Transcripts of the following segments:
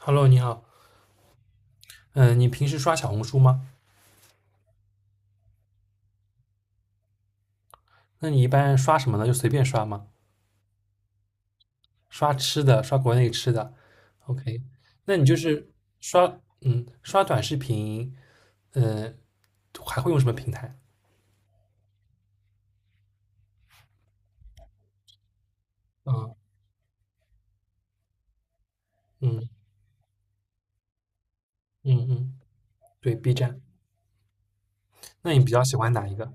Hello，你好。嗯，你平时刷小红书吗？那你一般刷什么呢？就随便刷吗？刷吃的，刷国内吃的，OK。那你就是刷短视频，嗯，还会用什么平台？嗯嗯嗯嗯，对，B 站。那你比较喜欢哪一个？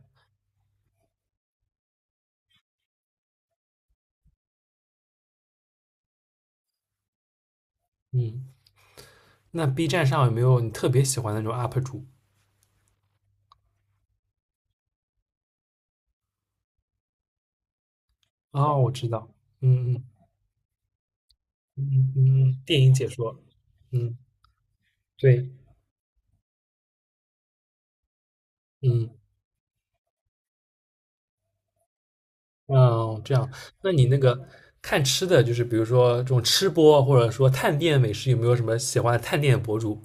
嗯，那 B 站上有没有你特别喜欢的那种 UP 主？哦，我知道，嗯嗯嗯嗯，嗯，电影解说，嗯，对，嗯。嗯，这样。那你那个看吃的，就是比如说这种吃播，或者说探店美食，有没有什么喜欢的探店博主？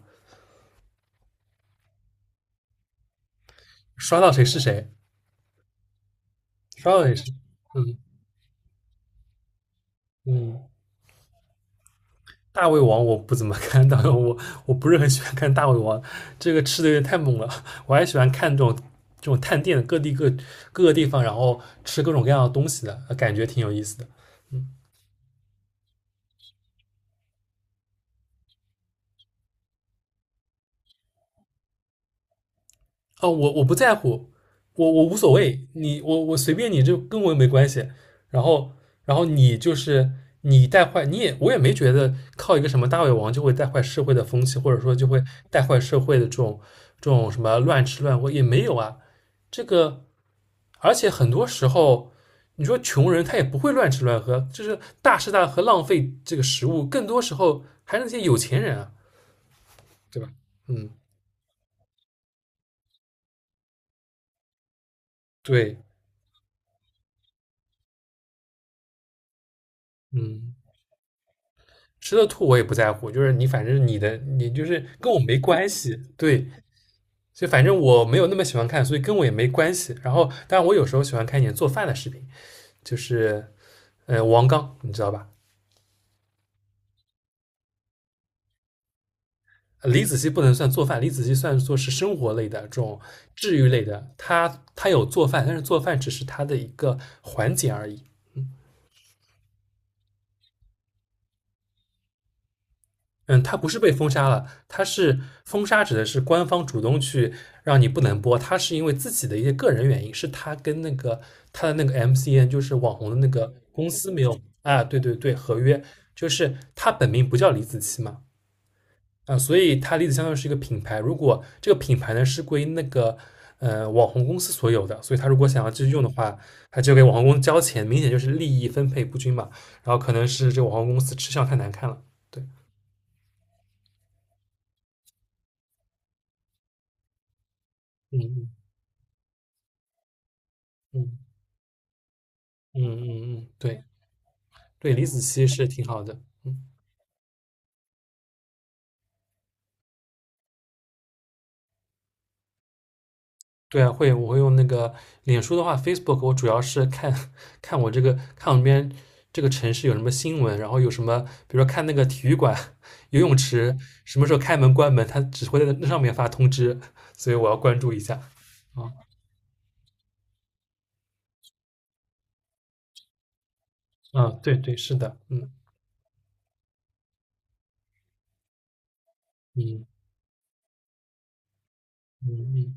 刷到谁是谁？刷到谁是？嗯嗯，大胃王我不怎么 看，大胃王我不是很喜欢看大胃王，这个吃的有点太猛了。我还喜欢看这种探店的各个地方，然后吃各种各样的东西的，感觉挺有意思的。嗯。哦，我不在乎，我无所谓，你我随便你，就跟我又没关系。然后你就是你带坏，你也我也没觉得靠一个什么大胃王就会带坏社会的风气，或者说就会带坏社会的这种什么乱吃乱喝也没有啊。这个而且很多时候，你说穷人他也不会乱吃乱喝，就是大吃大喝浪费这个食物，更多时候还是那些有钱人啊，对吧？嗯，对，嗯。吃了吐我也不在乎，就是你反正你的你就是跟我没关系，对，所以反正我没有那么喜欢看，所以跟我也没关系。然后，当然我有时候喜欢看一点做饭的视频，就是王刚，你知道吧？李子柒不能算做饭，李子柒算作是生活类的这种治愈类的，他有做饭，但是做饭只是他的一个环节而已。嗯，他不是被封杀了，他是封杀指的是官方主动去让你不能播，他是因为自己的一些个人原因，是他跟那个他的那个 MCN 就是网红的那个公司没有。啊，对对对，合约就是他本名不叫李子柒嘛。啊，所以他李子相当于是一个品牌，如果这个品牌呢是归那个网红公司所有的，所以他如果想要继续用的话，他就给网红公司交钱，明显就是利益分配不均嘛。然后可能是这个网红公司吃相太难看了，对，嗯嗯嗯。嗯嗯嗯，对对，李子柒是挺好的。嗯，对啊，会我会用那个脸书的话，Facebook 我主要是看 看我这个看我们这边这个城市有什么新闻，然后有什么，比如说看那个体育馆、游泳池什么时候开门关门，他只会在那上面发通知，所以我要关注一下。啊，嗯，对对是的，嗯嗯嗯嗯，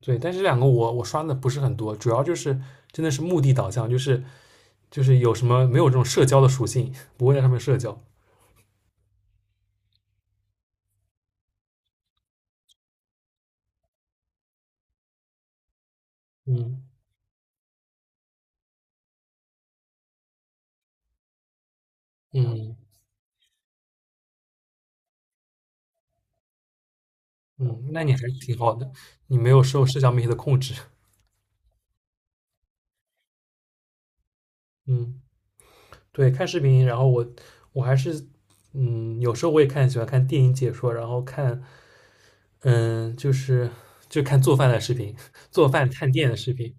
对。但是这两个我刷的不是很多，主要就是真的是目的导向，就是有什么没有这种社交的属性，不会在上面社交。嗯嗯嗯，那你还是挺好的，你没有受社交媒体的控制。嗯，对，看视频，然后我还是有时候我也喜欢看电影解说，然后看就是就看做饭的视频，做饭探店的视频。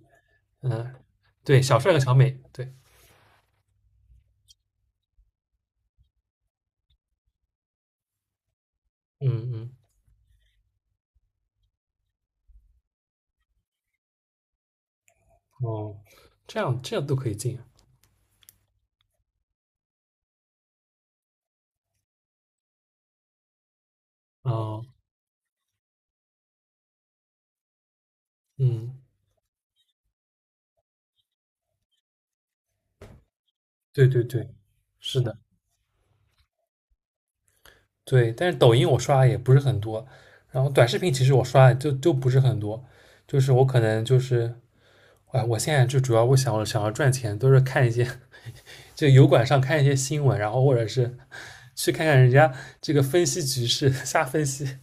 嗯，对，小帅和小美，对，嗯嗯，哦，这样这样都可以进啊。哦，嗯，对对对，是的。对，但是抖音我刷的也不是很多，然后短视频其实我刷的就不是很多，就是我可能就是，哎，我现在就主要我想要赚钱，都是看一些就油管上看一些新闻，然后或者是去看看人家这个分析局势，瞎分析。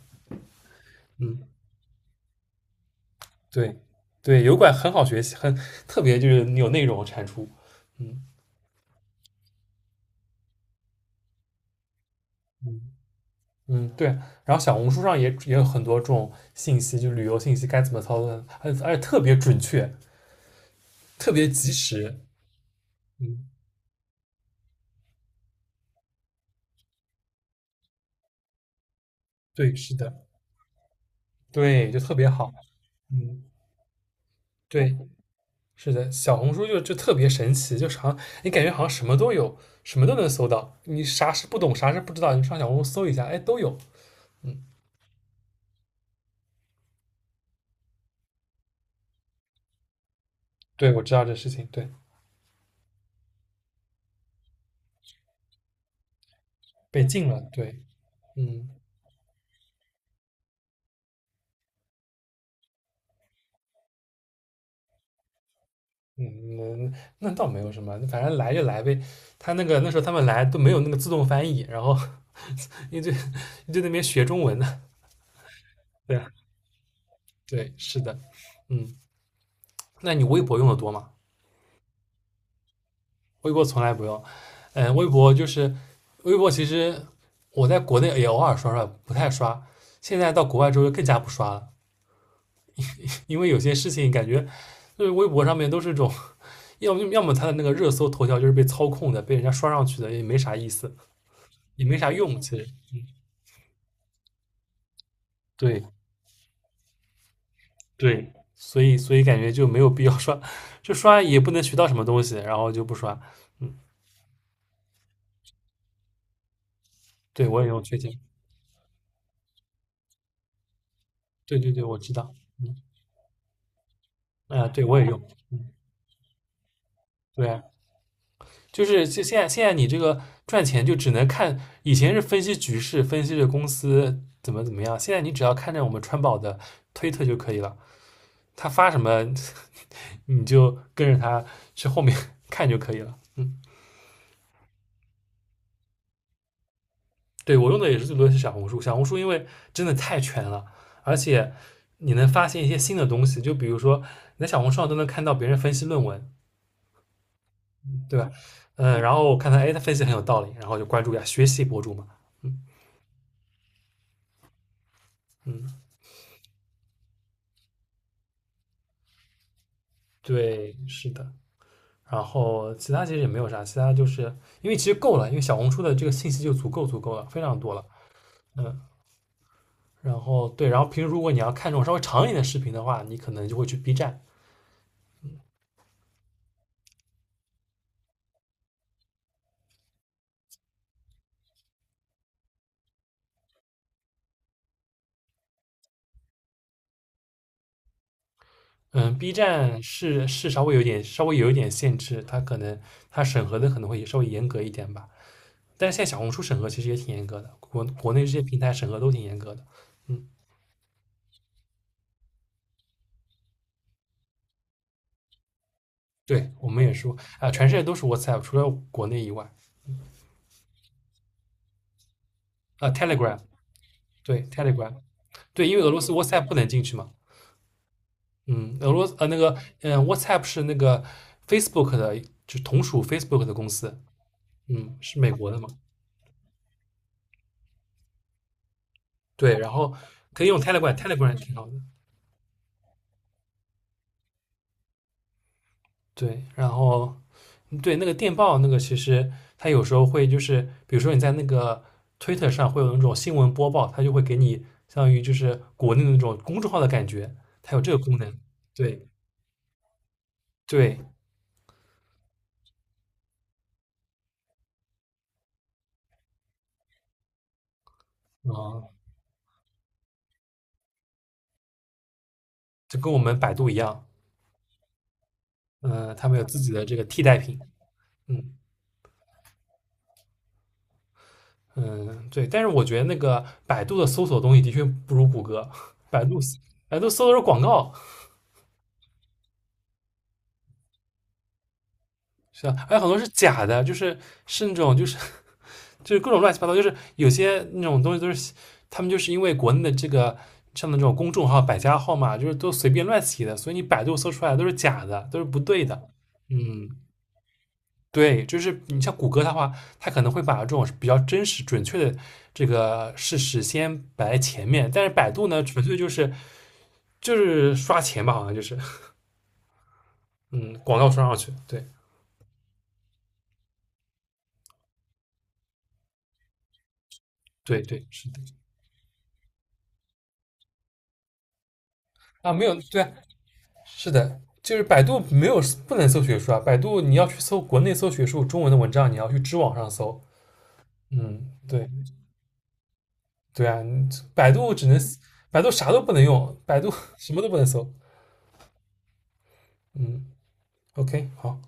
嗯，对对，油管很好学习，很特别就是有内容产出。嗯嗯嗯，对。然后小红书上也有很多这种信息，就旅游信息该怎么操作，而且特别准确，特别及时。嗯，对，是的，对，就特别好。嗯，对，是的，小红书就特别神奇，就是好像你感觉好像什么都有，什么都能搜到。你啥是不懂，啥是不知道，你上小红书搜一下，哎，都有。嗯，对，我知道这事情，对，被禁了，对，嗯嗯，那倒没有什么，反正来就来呗。他那时候他们来都没有那个自动翻译，然后 你就一堆 那边学中文呢。对啊，对，是的，嗯。那你微博用的多吗？微博从来不用。嗯，微博就是微博，其实我在国内也偶尔刷刷，不太刷。现在到国外之后更加不刷了，因为有些事情感觉就是微博上面都是种，要么它的那个热搜头条就是被操控的，被人家刷上去的，也没啥意思，也没啥用。其实，对对，所以感觉就没有必要刷，就刷也不能学到什么东西，然后就不刷。嗯，对我也用推荐，对对对，我知道。嗯，啊、对我也用，对啊，就现在你这个赚钱就只能看，以前是分析局势，分析这公司怎么怎么样，现在你只要看着我们川宝的推特就可以了，他发什么 你就跟着他去后面 看就可以了。嗯，对我用的也是最多的是小红书，小红书因为真的太全了，而且你能发现一些新的东西，就比如说你在小红书上都能看到别人分析论文，对吧？嗯，然后我看他，哎，他分析很有道理，然后就关注一下学习博主嘛。嗯嗯，对，是的。然后其他其实也没有啥，其他就是因为其实够了，因为小红书的这个信息就足够足够了，非常多了。嗯，然后对，然后平时如果你要看这种稍微长一点的视频的话，你可能就会去 B 站。嗯，B 站是稍微有一点限制，它可能它审核的可能会稍微严格一点吧。但是现在小红书审核其实也挺严格的，国内这些平台审核都挺严格的。嗯，对，我们也说啊、全世界都是 WhatsApp，除了国内以外。啊、Telegram， 对， Telegram。对，因为俄罗斯 WhatsApp 不能进去嘛。嗯，俄罗斯WhatsApp 是那个 Facebook 的，就同属 Facebook 的公司。嗯，是美国的嘛？对，然后可以用 Telegram，Telegram 挺好的。对，然后对那个电报那个，其实它有时候会就是，比如说你在那个 Twitter 上会有那种新闻播报，它就会给你相当于就是国内的那种公众号的感觉，它有这个功能。对对，嗯，就跟我们百度一样，嗯、他们有自己的这个替代品。嗯。嗯，对，但是我觉得那个百度的搜索东西的确不如谷歌，百度百度搜的是广告，是吧？还有很多是假的，就是是那种就是 就是各种乱七八糟，就是有些那种东西都是他们就是因为国内的这个像那种公众号、百家号嘛，就是都随便乱起的，所以你百度搜出来的都是假的，都是不对的。嗯，对，就是你像谷歌的话，它可能会把这种比较真实、准确的这个事实先摆在前面，但是百度呢，纯粹就是刷钱吧，好像就是，嗯，广告刷上去，对对对，是的。啊，没有，对啊，是的，就是百度没有不能搜学术啊，百度你要去搜国内搜学术中文的文章，你要去知网上搜，嗯，对对啊，你百度只能百度啥都不能用，百度 什么都不能搜。嗯，OK，好，